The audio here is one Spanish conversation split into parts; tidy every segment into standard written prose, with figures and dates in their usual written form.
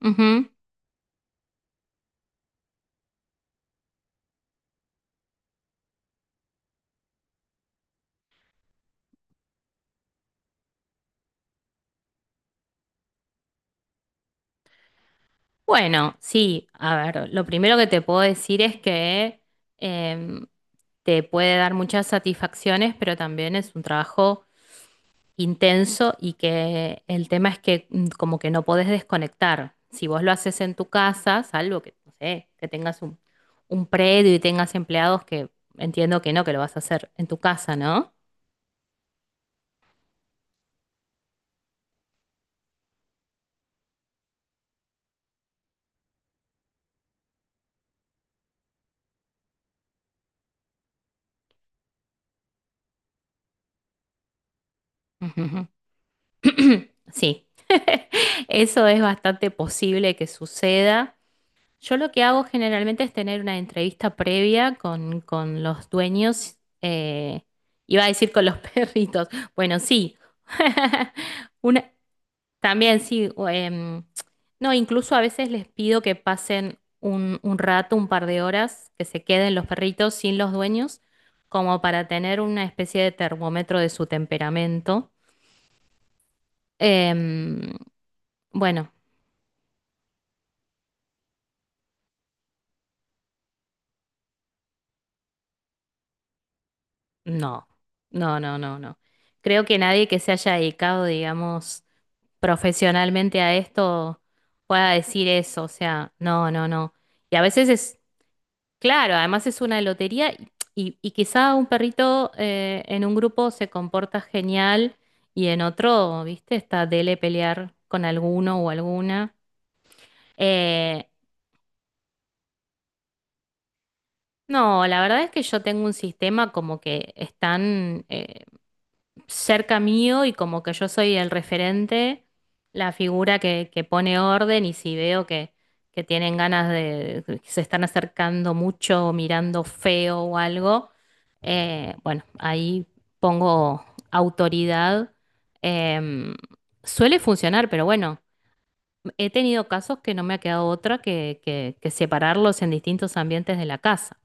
Ujú. Bueno, sí, a ver, lo primero que te puedo decir es que em, te puede dar muchas satisfacciones, pero también es un trabajo intenso y que el tema es que como que no podés desconectar. Si vos lo haces en tu casa, salvo que, no sé, que tengas un, predio y tengas empleados que entiendo que no, que lo vas a hacer en tu casa, ¿no? Ujú. Ujú. Sí, eso es bastante posible que suceda. Yo lo que hago generalmente es tener una entrevista previa con, los dueños, iba a decir con los perritos, bueno, sí, una, también sí, o, no, incluso a veces les pido que pasen un rato, un par de horas, que se queden los perritos sin los dueños, como para tener una especie de termómetro de su temperamento. Em, bueno, no, no, no, no, no. Creo que nadie que se haya dedicado, digamos profesionalmente a esto pueda decir eso. O sea, no, no, no. Y a veces es, claro, además es una lotería y, y quizá un perrito en un grupo se comporta genial y en otro, ¿viste? Está dele pelear con alguno o alguna. Eh, no, la verdad es que yo tengo un sistema como que están, cerca mío y como que yo soy el referente, la figura que pone orden y si veo que tienen ganas de, que se están acercando mucho, mirando feo o algo, bueno, ahí pongo autoridad. Em, Suele funcionar, pero bueno, he tenido casos que no me ha quedado otra que, que separarlos en distintos ambientes de la casa.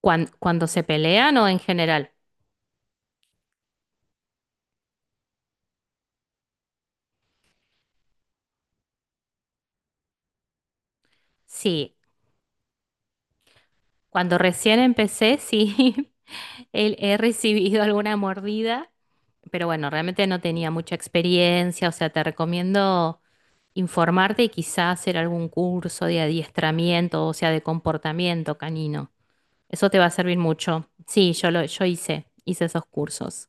Cuando, se pelean o en general. Sí, cuando recién empecé, sí. He recibido alguna mordida, pero bueno, realmente no tenía mucha experiencia, o sea, te recomiendo informarte y quizás hacer algún curso de adiestramiento, o sea, de comportamiento canino. Eso te va a servir mucho. Sí, yo lo, yo hice esos cursos.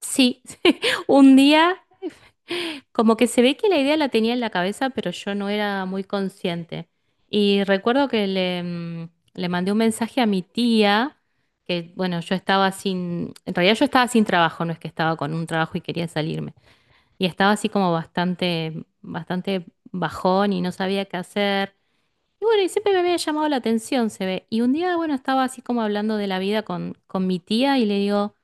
Sí, un día como que se ve que la idea la tenía en la cabeza, pero yo no era muy consciente. Y recuerdo que le mandé un mensaje a mi tía, que bueno, yo estaba sin, en realidad yo estaba sin trabajo, no es que estaba con un trabajo y quería salirme. Y estaba así como bastante, bastante bajón y no sabía qué hacer. Y bueno, y siempre me había llamado la atención, se ve. Y un día, bueno, estaba así como hablando de la vida con mi tía y le digo.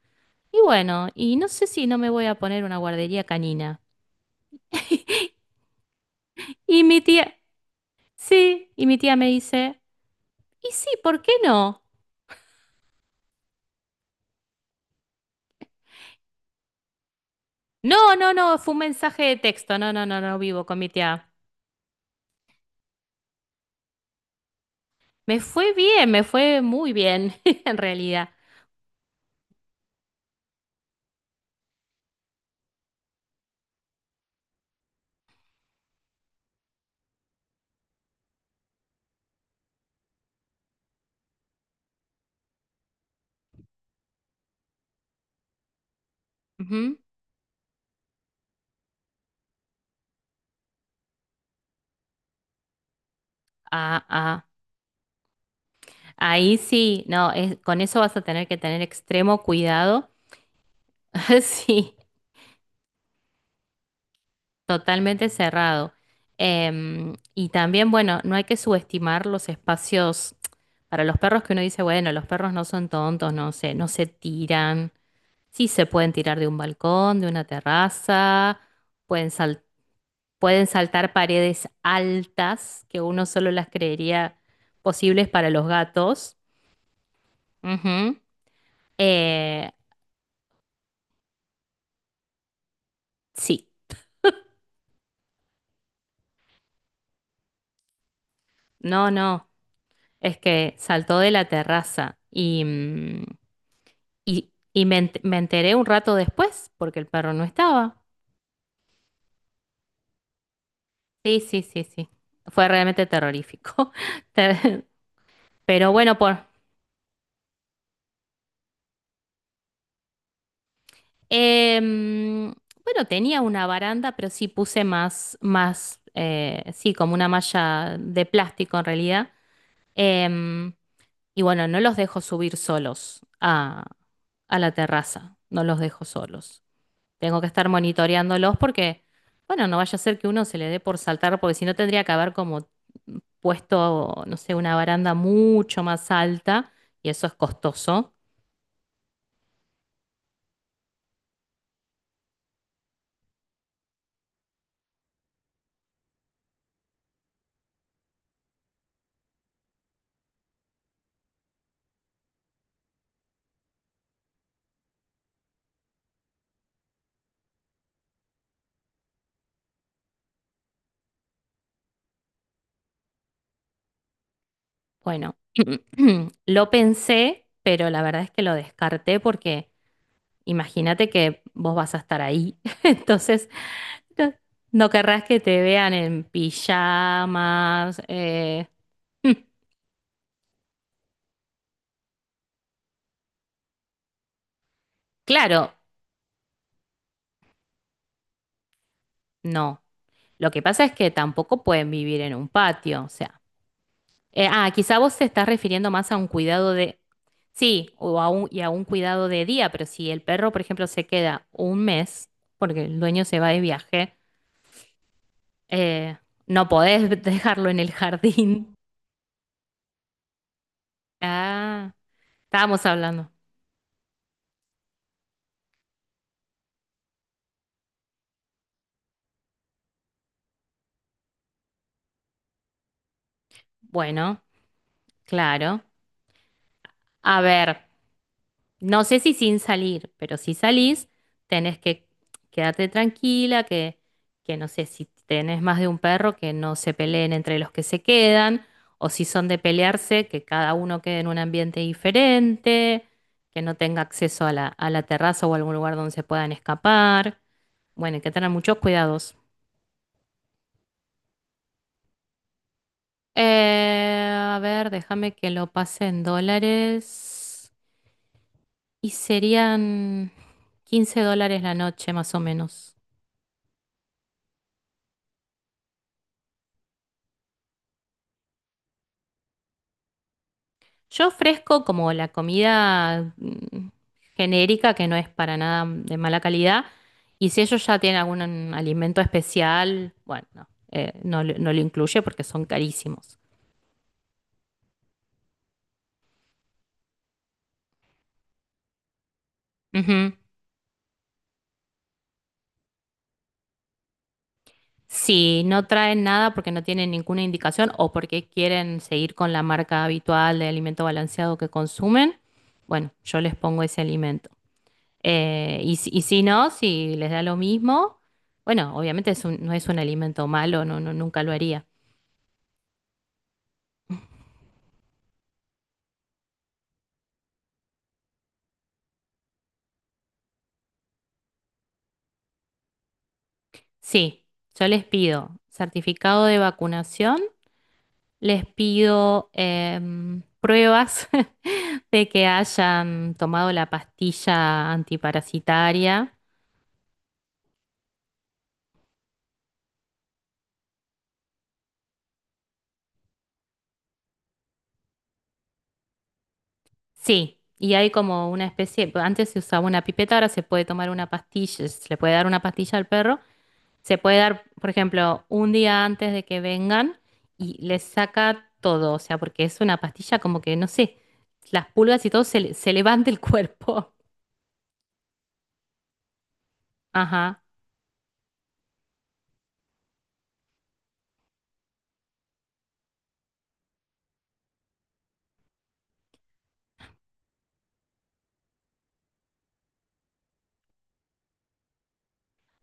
Y bueno, y no sé si no me voy a poner una guardería canina. Y mi tía, sí, y mi tía me dice, y sí, ¿por qué no? No, no, no, fue un mensaje de texto, no, no, no, no vivo con mi tía. Me fue bien, me fue muy bien, en realidad. Ujú. Ah, ah, ahí sí, no, es- con eso vas a tener que tener extremo cuidado. Sí, totalmente cerrado. Y también, bueno, no hay que subestimar los espacios para los perros que uno dice, bueno, los perros no son tontos, no se tiran. Sí se pueden tirar de un balcón, de una terraza, pueden sal- pueden saltar paredes altas que uno solo las creería posibles para los gatos. Ujú. Eh, sí, no, no, es que saltó de la terraza y me enteré un rato después porque el perro no estaba. Sí, sí, sí, sí. Fue realmente terrorífico. Ter- Pero em, bueno, tenía una baranda, pero sí puse más, más, sí, como una malla de plástico en realidad. Em, y bueno, no los dejo subir solos a la terraza. No los dejo solos. Tengo que estar monitoreándolos porque, bueno, no vaya a ser que uno se le dé por saltar, porque si no tendría que haber como puesto, no sé, una baranda mucho más alta y eso es costoso. Bueno, lo pensé, pero la verdad es que lo descarté porque imagínate que vos vas a estar ahí. Entonces, no, no querrás que te vean en pijamas. Claro, no. Lo que pasa es que tampoco pueden vivir en un patio, o sea. Ah, quizá vos te estás refiriendo más a un cuidado de. Sí, o a un cuidado de día, pero si el perro, por ejemplo, se queda un mes, porque el dueño se va de viaje, eh, no podés dejarlo en el jardín. Ah, estábamos hablando. Bueno, claro. A ver. No sé si sin salir, pero si salís, tenés que quedarte tranquila, que no sé si tenés más de un perro, que no se peleen entre los que se quedan, o si son de pelearse, que cada uno quede en un ambiente diferente, que no tenga acceso a la terraza o algún lugar donde se puedan escapar. Bueno, hay que tener muchos cuidados. A ver, déjame que lo pase en dólares. Y serían $15 la noche, más o menos. Yo ofrezco como la comida genérica, que no es para nada de mala calidad, y si ellos ya tienen algún alimento especial, bueno, no, no, lo no lo incluye porque son carísimos. Ujú. Si no traen nada porque no tienen ninguna indicación o porque quieren seguir con la marca habitual de alimento balanceado que consumen, bueno, yo les pongo ese alimento. Y si no, si les da lo mismo, bueno, obviamente no es un alimento malo, no, no, nunca lo haría. Sí, yo les pido certificado de vacunación, les pido pruebas de que hayan tomado la pastilla antiparasitaria. Sí, y hay como una especie, antes se usaba una pipeta, ahora se puede tomar una pastilla, se le puede dar una pastilla al perro, se puede dar, por ejemplo, un día antes de que vengan y les saca todo, o sea, porque es una pastilla como que, no sé, las pulgas y todo se levanta el cuerpo. Ajá.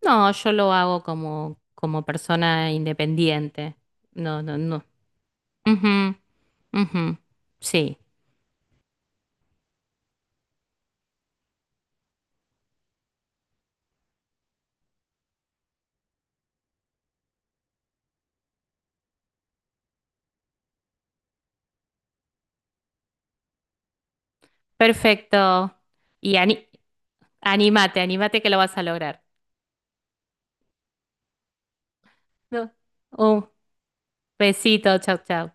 No, yo lo hago como, como persona independiente. No, no, no. Ujú, ujú. Sí, perfecto. Y ani- Anímate, anímate que lo vas a lograr. No. Un besito, chao, chao.